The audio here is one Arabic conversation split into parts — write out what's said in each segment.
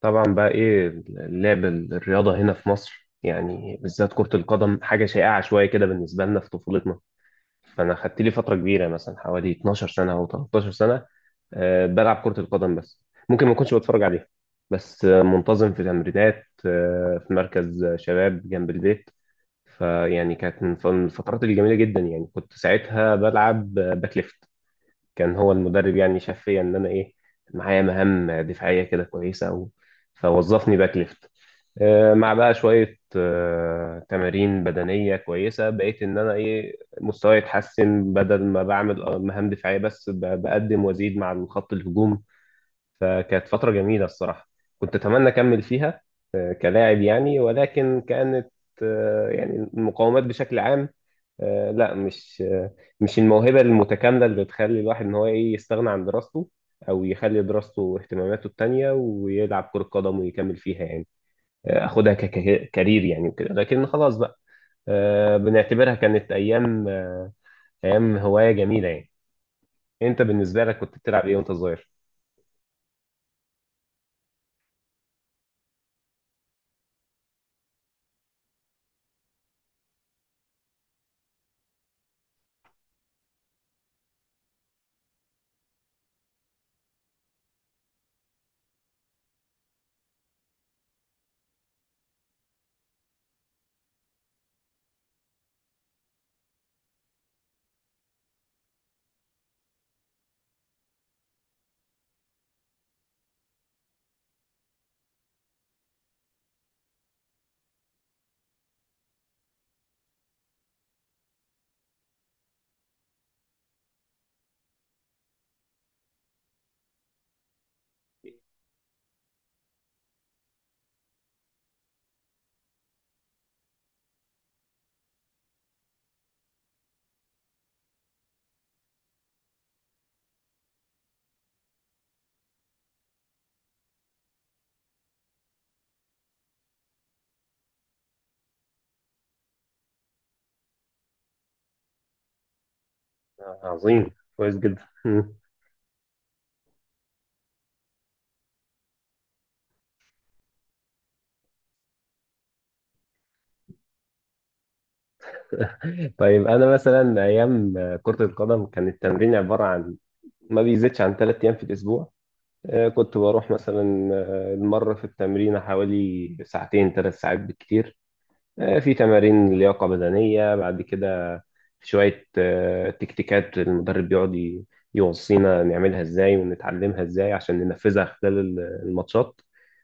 طبعا بقى ايه اللعب الرياضة هنا في مصر، يعني بالذات كرة القدم حاجة شائعة شوية كده بالنسبة لنا في طفولتنا. فأنا خدت لي فترة كبيرة، مثلا حوالي 12 سنة أو 13 سنة، بلعب كرة القدم بس. ممكن ما كنتش بتفرج عليها، بس منتظم في تمرينات في مركز شباب جنب البيت. فيعني كانت من الفترات الجميلة جدا، يعني كنت ساعتها بلعب باك ليفت. كان هو المدرب، يعني شاف فيا ان انا ايه، معايا مهام دفاعيه كده كويسه أوي، فوظفني باك ليفت. مع بقى شويه تمارين بدنيه كويسه، بقيت ان انا ايه مستواي يتحسن، بدل ما بعمل مهام دفاعيه بس، بقدم وازيد مع الخط الهجوم. فكانت فتره جميله الصراحه، كنت اتمنى اكمل فيها كلاعب يعني، ولكن كانت يعني المقاومات بشكل عام، لا، مش الموهبة المتكاملة اللي بتخلي الواحد ان هو ايه يستغنى عن دراسته، او يخلي دراسته واهتماماته التانية ويلعب كرة قدم ويكمل فيها يعني، اخدها ككارير يعني وكده، لكن خلاص بقى بنعتبرها كانت ايام هواية جميلة يعني. انت بالنسبة لك كنت بتلعب ايه وانت صغير؟ عظيم. كويس جدا. طيب انا مثلا ايام كرة القدم كان التمرين عبارة عن ما بيزيدش عن 3 ايام في الاسبوع. كنت بروح مثلا المرة في التمرين حوالي ساعتين، 3 ساعات بالكتير. في تمارين لياقة بدنية بعد كده، في شوية تكتيكات المدرب بيقعد يوصينا نعملها ازاي ونتعلمها ازاي عشان ننفذها خلال الماتشات.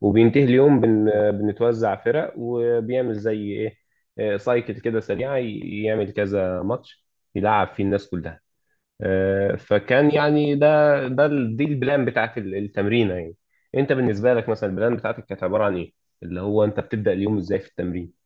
وبينتهي اليوم بن آه، بنتوزع فرق، وبيعمل زي ايه سايكل كده سريعة، يعمل كذا ماتش يلعب فيه الناس كلها. فكان يعني دي البلان بتاعت التمرينة يعني. انت بالنسبة لك مثلا البلان بتاعتك كانت عبارة عن ايه؟ اللي هو انت بتبدأ اليوم ازاي في التمرين؟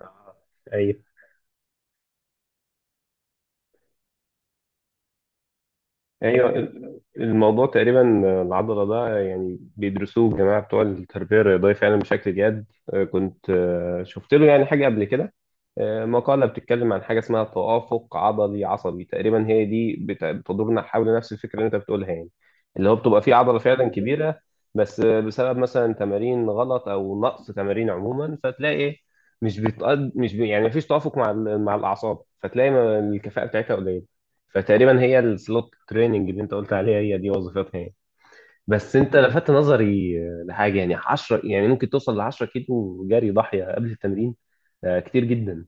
آه. ايوه. ايوه، الموضوع تقريبا العضله ده يعني بيدرسوه الجماعه بتوع التربيه الرياضيه فعلا بشكل جاد. كنت شفت له يعني حاجه قبل كده، مقاله بتتكلم عن حاجه اسمها توافق عضلي عصبي، تقريبا هي دي بتدورنا حول نفس الفكره اللي انت بتقولها يعني، اللي هو بتبقى فيه عضله فعلا كبيره، بس بسبب مثلا تمارين غلط او نقص تمارين عموما، فتلاقي إيه، مش بتقد مش بي... يعني مفيش توافق مع مع الاعصاب، فتلاقي الكفاءه بتاعتها قليله. فتقريبا هي السلوت تريننج اللي انت قلت عليها هي دي وظيفتها يعني. بس انت لفت نظري لحاجه، يعني 10، يعني ممكن توصل ل 10 كيلو جري ضاحيه قبل التمرين. كتير جدا،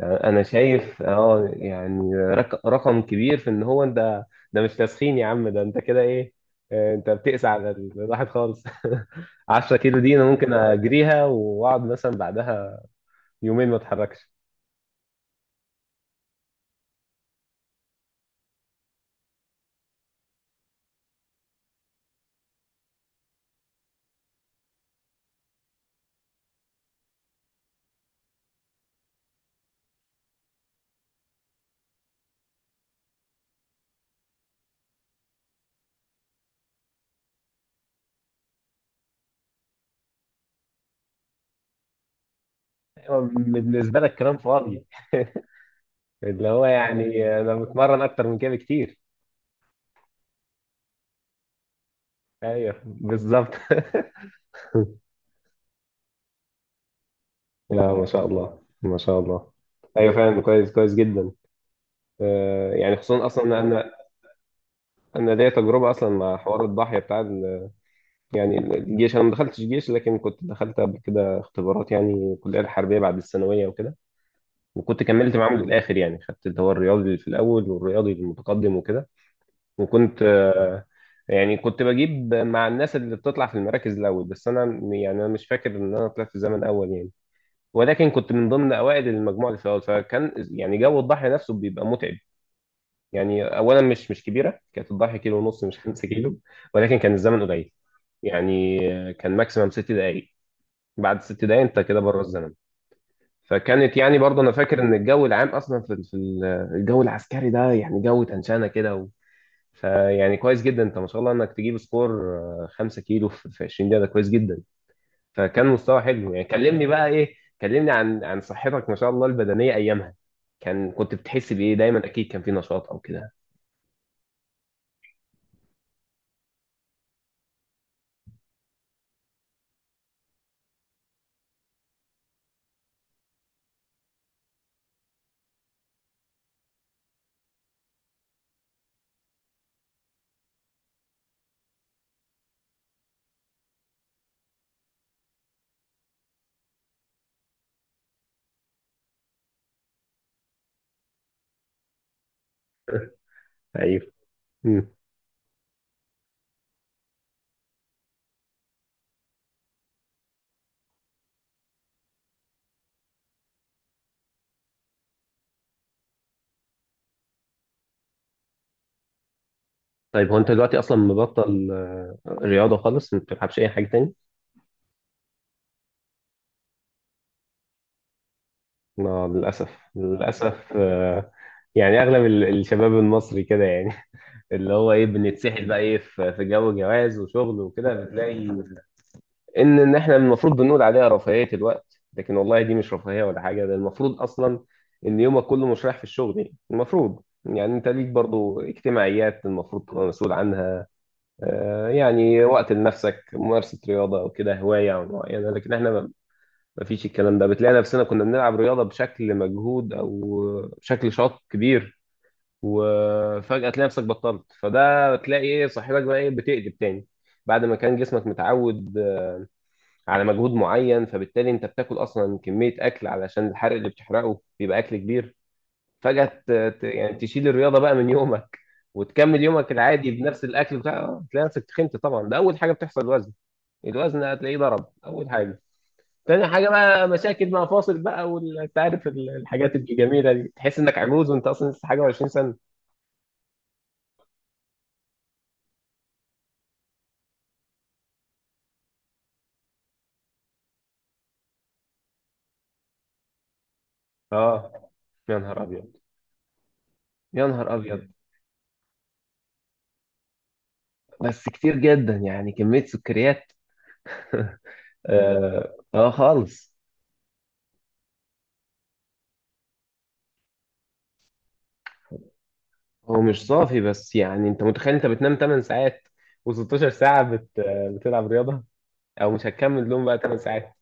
انا شايف يعني رقم كبير في ان هو انت، ده مش تسخين يا عم، ده انت كده ايه، انت بتقسى على الواحد خالص. 10 كيلو دي انا ممكن اجريها واقعد مثلا بعدها يومين ما اتحركش. أيوة، بالنسبه لك كلام فاضي. اللي هو يعني انا بتمرن اكتر من كده كتير. ايوه، بالظبط. لا، ما شاء الله ما شاء الله. ايوه، فعلا كويس، كويس جدا. يعني خصوصا اصلا إن انا ليا تجربه اصلا مع حوار الضاحيه بتاع يعني الجيش. انا ما دخلتش جيش، لكن كنت دخلت قبل كده اختبارات، يعني الكليه الحربيه بعد الثانويه وكده، وكنت كملت معاهم للاخر، يعني خدت اللي هو الرياضي في الاول والرياضي المتقدم وكده، وكنت آه، يعني كنت بجيب مع الناس اللي بتطلع في المراكز الاول، بس انا يعني انا مش فاكر ان انا طلعت في زمن اول يعني، ولكن كنت من ضمن اوائل المجموعه اللي في الاول، فكان يعني جو الضحيه نفسه بيبقى متعب. يعني اولا، مش كبيره كانت الضحيه، كيلو ونص، مش 5 كيلو، ولكن كان الزمن قليل، يعني كان ماكسيمم 6 دقائق، بعد ست دقائق انت كده بره الزمن. فكانت، يعني برضه انا فاكر ان الجو العام اصلا في الجو العسكري ده، يعني جو تنشانه كده. فيعني كويس جدا انت ما شاء الله انك تجيب سكور 5 كيلو في 20 دقيقه، ده كويس جدا، فكان مستوى حلو يعني. كلمني بقى ايه، كلمني عن صحتك ما شاء الله البدنيه ايامها، كنت بتحس بايه دايما، اكيد كان في نشاط او كده. ايوه. مم. طيب هو انت دلوقتي اصلا مبطل رياضه خالص، ما بتلعبش اي حاجه تاني؟ لا للاسف، للاسف، يعني اغلب الشباب المصري كده يعني. اللي هو ايه بنتسحل بقى، ايه في جو جواز وشغل وكده، بتلاقي ان احنا المفروض بنقول عليها رفاهيه الوقت، لكن والله دي مش رفاهيه ولا حاجه. ده المفروض اصلا ان يومك كله مش رايح في الشغل، يعني المفروض يعني انت ليك برضو اجتماعيات المفروض تبقى مسؤول عنها، يعني وقت لنفسك، ممارسه رياضه او كده هوايه معينه، لكن احنا ما فيش الكلام ده. بتلاقي نفسنا كنا بنلعب رياضه بشكل مجهود او بشكل شاط كبير، وفجاه تلاقي نفسك بطلت، فده بتلاقي ايه صحتك بقى ايه بتقلب تاني بعد ما كان جسمك متعود على مجهود معين، فبالتالي انت بتاكل اصلا كميه اكل علشان الحرق اللي بتحرقه بيبقى اكل كبير، فجاه يعني تشيل الرياضه بقى من يومك، وتكمل يومك العادي بنفس الاكل، بتاع آه، تلاقي نفسك تخنت طبعا، ده اول حاجه بتحصل، الوزن. الوزن هتلاقيه ضرب اول حاجه، تاني حاجه بقى مشاكل مع فاصل بقى وانت عارف الحاجات الجميله دي، تحس انك عجوز وانت اصلا لسه حاجه و20 سنه. اه. يا نهار ابيض، يا نهار ابيض. بس كتير جدا، يعني كميه سكريات. اه، خالص. هو مش صافي، بس يعني انت متخيل انت بتنام 8 ساعات و16 ساعة بتلعب رياضة، او مش هتكمل لهم بقى 8 ساعات.